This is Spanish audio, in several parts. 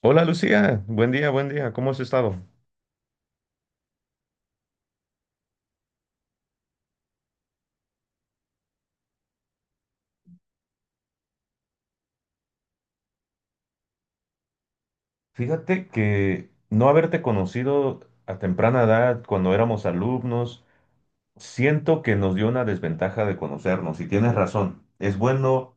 Hola Lucía, buen día, ¿cómo has estado? Fíjate que no haberte conocido a temprana edad cuando éramos alumnos, siento que nos dio una desventaja de conocernos y tienes razón, es bueno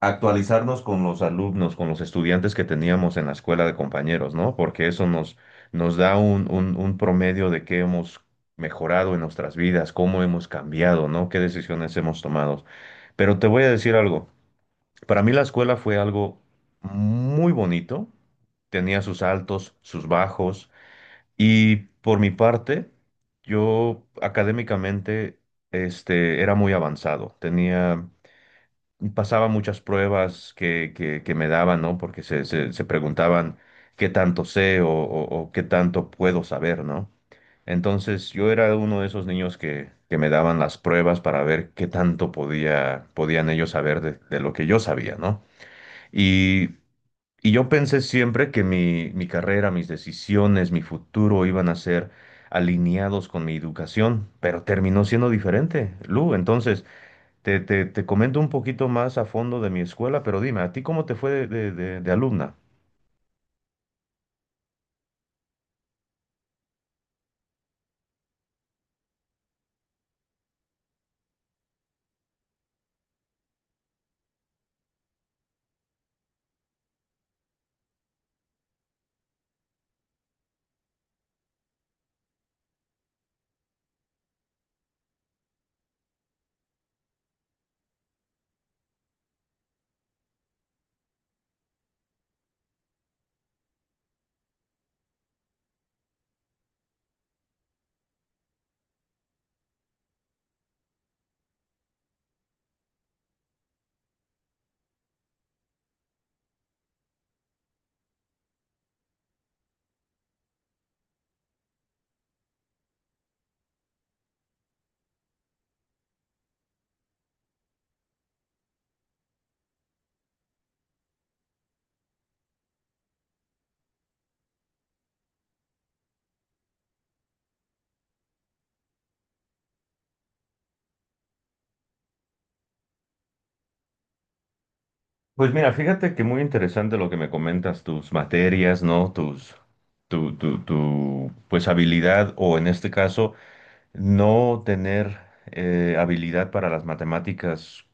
actualizarnos con los alumnos, con los estudiantes que teníamos en la escuela de compañeros, ¿no? Porque eso nos da un promedio de qué hemos mejorado en nuestras vidas, cómo hemos cambiado, ¿no? ¿Qué decisiones hemos tomado? Pero te voy a decir algo. Para mí la escuela fue algo muy bonito, tenía sus altos, sus bajos, y por mi parte yo académicamente era muy avanzado, tenía, pasaba muchas pruebas que me daban, ¿no? Porque se preguntaban qué tanto sé o qué tanto puedo saber, ¿no? Entonces yo era uno de esos niños que me daban las pruebas para ver qué tanto podían ellos saber de lo que yo sabía, ¿no? Y y yo pensé siempre que mi carrera, mis decisiones, mi futuro iban a ser alineados con mi educación, pero terminó siendo diferente. Lu, entonces, te comento un poquito más a fondo de mi escuela, pero dime, ¿a ti cómo te fue de alumna? Pues mira, fíjate que muy interesante lo que me comentas, tus materias, ¿no? Tus, pues habilidad, o en este caso, no tener habilidad para las matemáticas.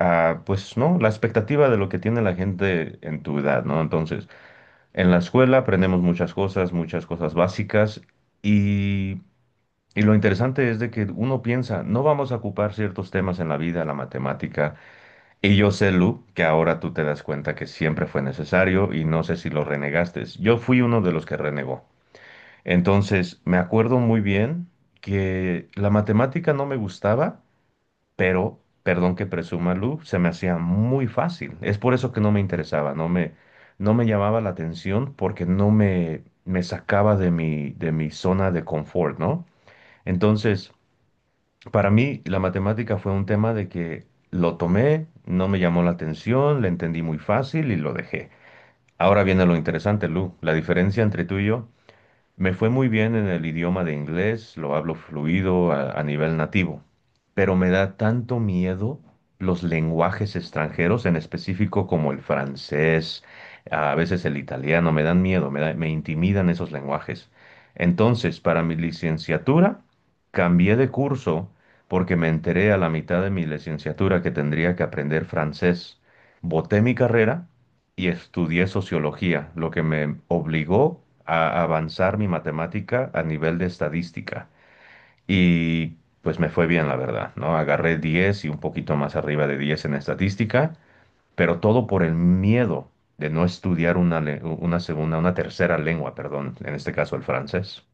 Ah, pues no, la expectativa de lo que tiene la gente en tu edad, ¿no? Entonces, en la escuela aprendemos muchas cosas básicas, y, y lo interesante es de que uno piensa, no vamos a ocupar ciertos temas en la vida, la matemática, y yo sé, Lu, que ahora tú te das cuenta que siempre fue necesario y no sé si lo renegaste. Yo fui uno de los que renegó. Entonces, me acuerdo muy bien que la matemática no me gustaba, pero, perdón que presuma, Lu, se me hacía muy fácil. Es por eso que no me interesaba, no me llamaba la atención porque no me, me sacaba de mi zona de confort, ¿no? Entonces, para mí la matemática fue un tema de que lo tomé, no me llamó la atención, le entendí muy fácil y lo dejé. Ahora viene lo interesante, Lu, la diferencia entre tú y yo. Me fue muy bien en el idioma de inglés, lo hablo fluido a nivel nativo, pero me da tanto miedo los lenguajes extranjeros, en específico como el francés, a veces el italiano, me dan miedo, me intimidan esos lenguajes. Entonces, para mi licenciatura, cambié de curso porque me enteré a la mitad de mi licenciatura que tendría que aprender francés. Boté mi carrera y estudié sociología, lo que me obligó a avanzar mi matemática a nivel de estadística. Y pues me fue bien, la verdad, ¿no? Agarré 10 y un poquito más arriba de 10 en estadística, pero todo por el miedo de no estudiar una segunda, una tercera lengua, perdón, en este caso el francés.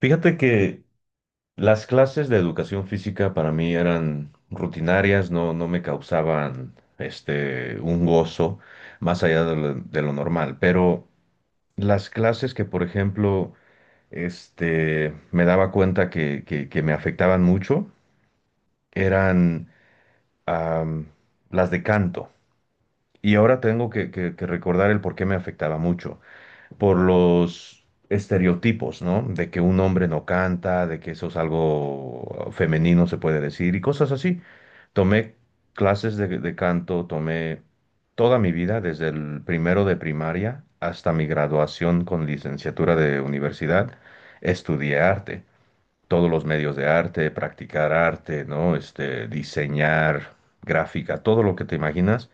Fíjate que las clases de educación física para mí eran rutinarias, no me causaban un gozo más allá de lo normal, pero las clases que, por ejemplo, me daba cuenta que me afectaban mucho eran am, las de canto. Y ahora tengo que recordar el por qué me afectaba mucho. Por los estereotipos, ¿no? De que un hombre no canta, de que eso es algo femenino, se puede decir, y cosas así. Tomé clases de canto, tomé toda mi vida, desde el primero de primaria hasta mi graduación con licenciatura de universidad, estudié arte, todos los medios de arte, practicar arte, ¿no? Diseñar, gráfica, todo lo que te imaginas,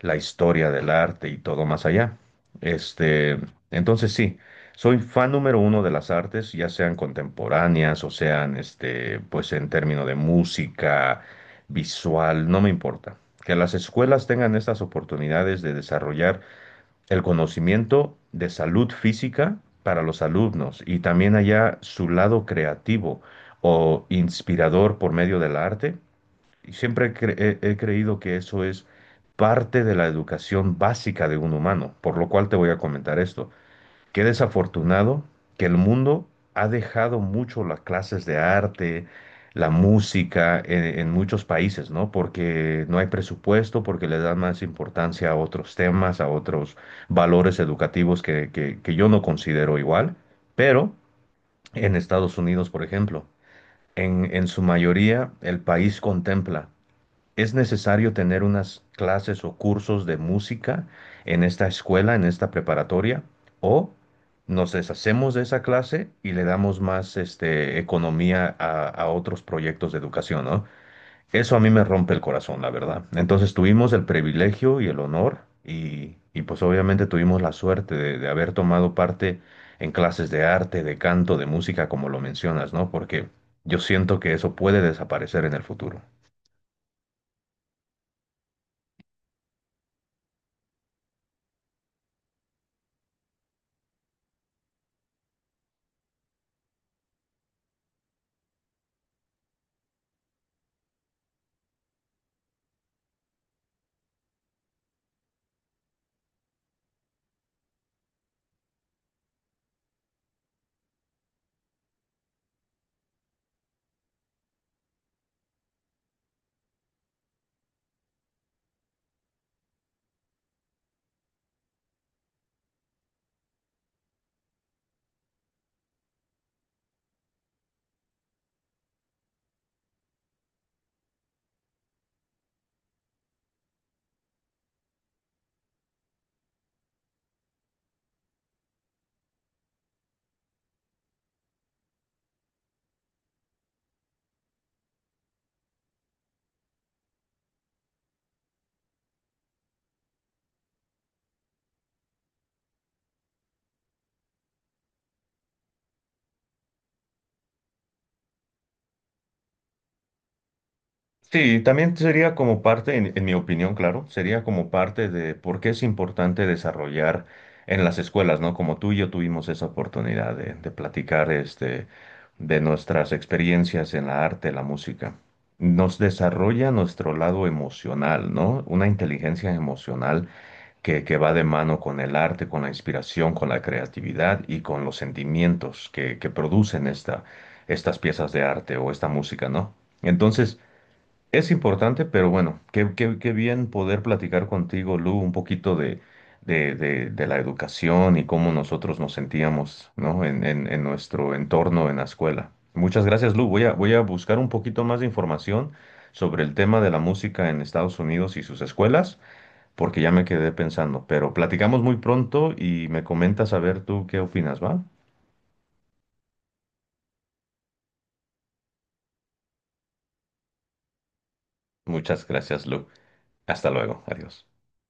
la historia del arte y todo más allá. Este, entonces sí, soy fan número uno de las artes, ya sean contemporáneas o sean, pues en términos de música, visual, no me importa. Que las escuelas tengan estas oportunidades de desarrollar el conocimiento de salud física para los alumnos y también allá su lado creativo o inspirador por medio del arte. Y siempre he creído que eso es parte de la educación básica de un humano, por lo cual te voy a comentar esto. Qué desafortunado que el mundo ha dejado mucho las clases de arte, la música en muchos países, ¿no? Porque no hay presupuesto, porque le dan más importancia a otros temas, a otros valores educativos que yo no considero igual. Pero en Estados Unidos, por ejemplo, en su mayoría el país contempla: ¿es necesario tener unas clases o cursos de música en esta escuela, en esta preparatoria? ¿O nos deshacemos de esa clase y le damos más economía a otros proyectos de educación, ¿no? Eso a mí me rompe el corazón, la verdad. Entonces tuvimos el privilegio y el honor y, pues obviamente tuvimos la suerte de haber tomado parte en clases de arte, de canto, de música, como lo mencionas, ¿no? Porque yo siento que eso puede desaparecer en el futuro. Sí, también sería como parte, en mi opinión, claro, sería como parte de por qué es importante desarrollar en las escuelas, ¿no? Como tú y yo tuvimos esa oportunidad de platicar de nuestras experiencias en la arte, la música. Nos desarrolla nuestro lado emocional, ¿no? Una inteligencia emocional que va de mano con el arte, con la inspiración, con la creatividad y con los sentimientos que producen estas piezas de arte o esta música, ¿no? Entonces, es importante, pero bueno, qué bien poder platicar contigo, Lu, un poquito de, de la educación y cómo nosotros nos sentíamos, ¿no? En nuestro entorno en la escuela. Muchas gracias, Lu. Voy a buscar un poquito más de información sobre el tema de la música en Estados Unidos y sus escuelas, porque ya me quedé pensando. Pero platicamos muy pronto y me comentas a ver tú qué opinas, ¿va? Muchas gracias, Lu. Hasta luego. Adiós.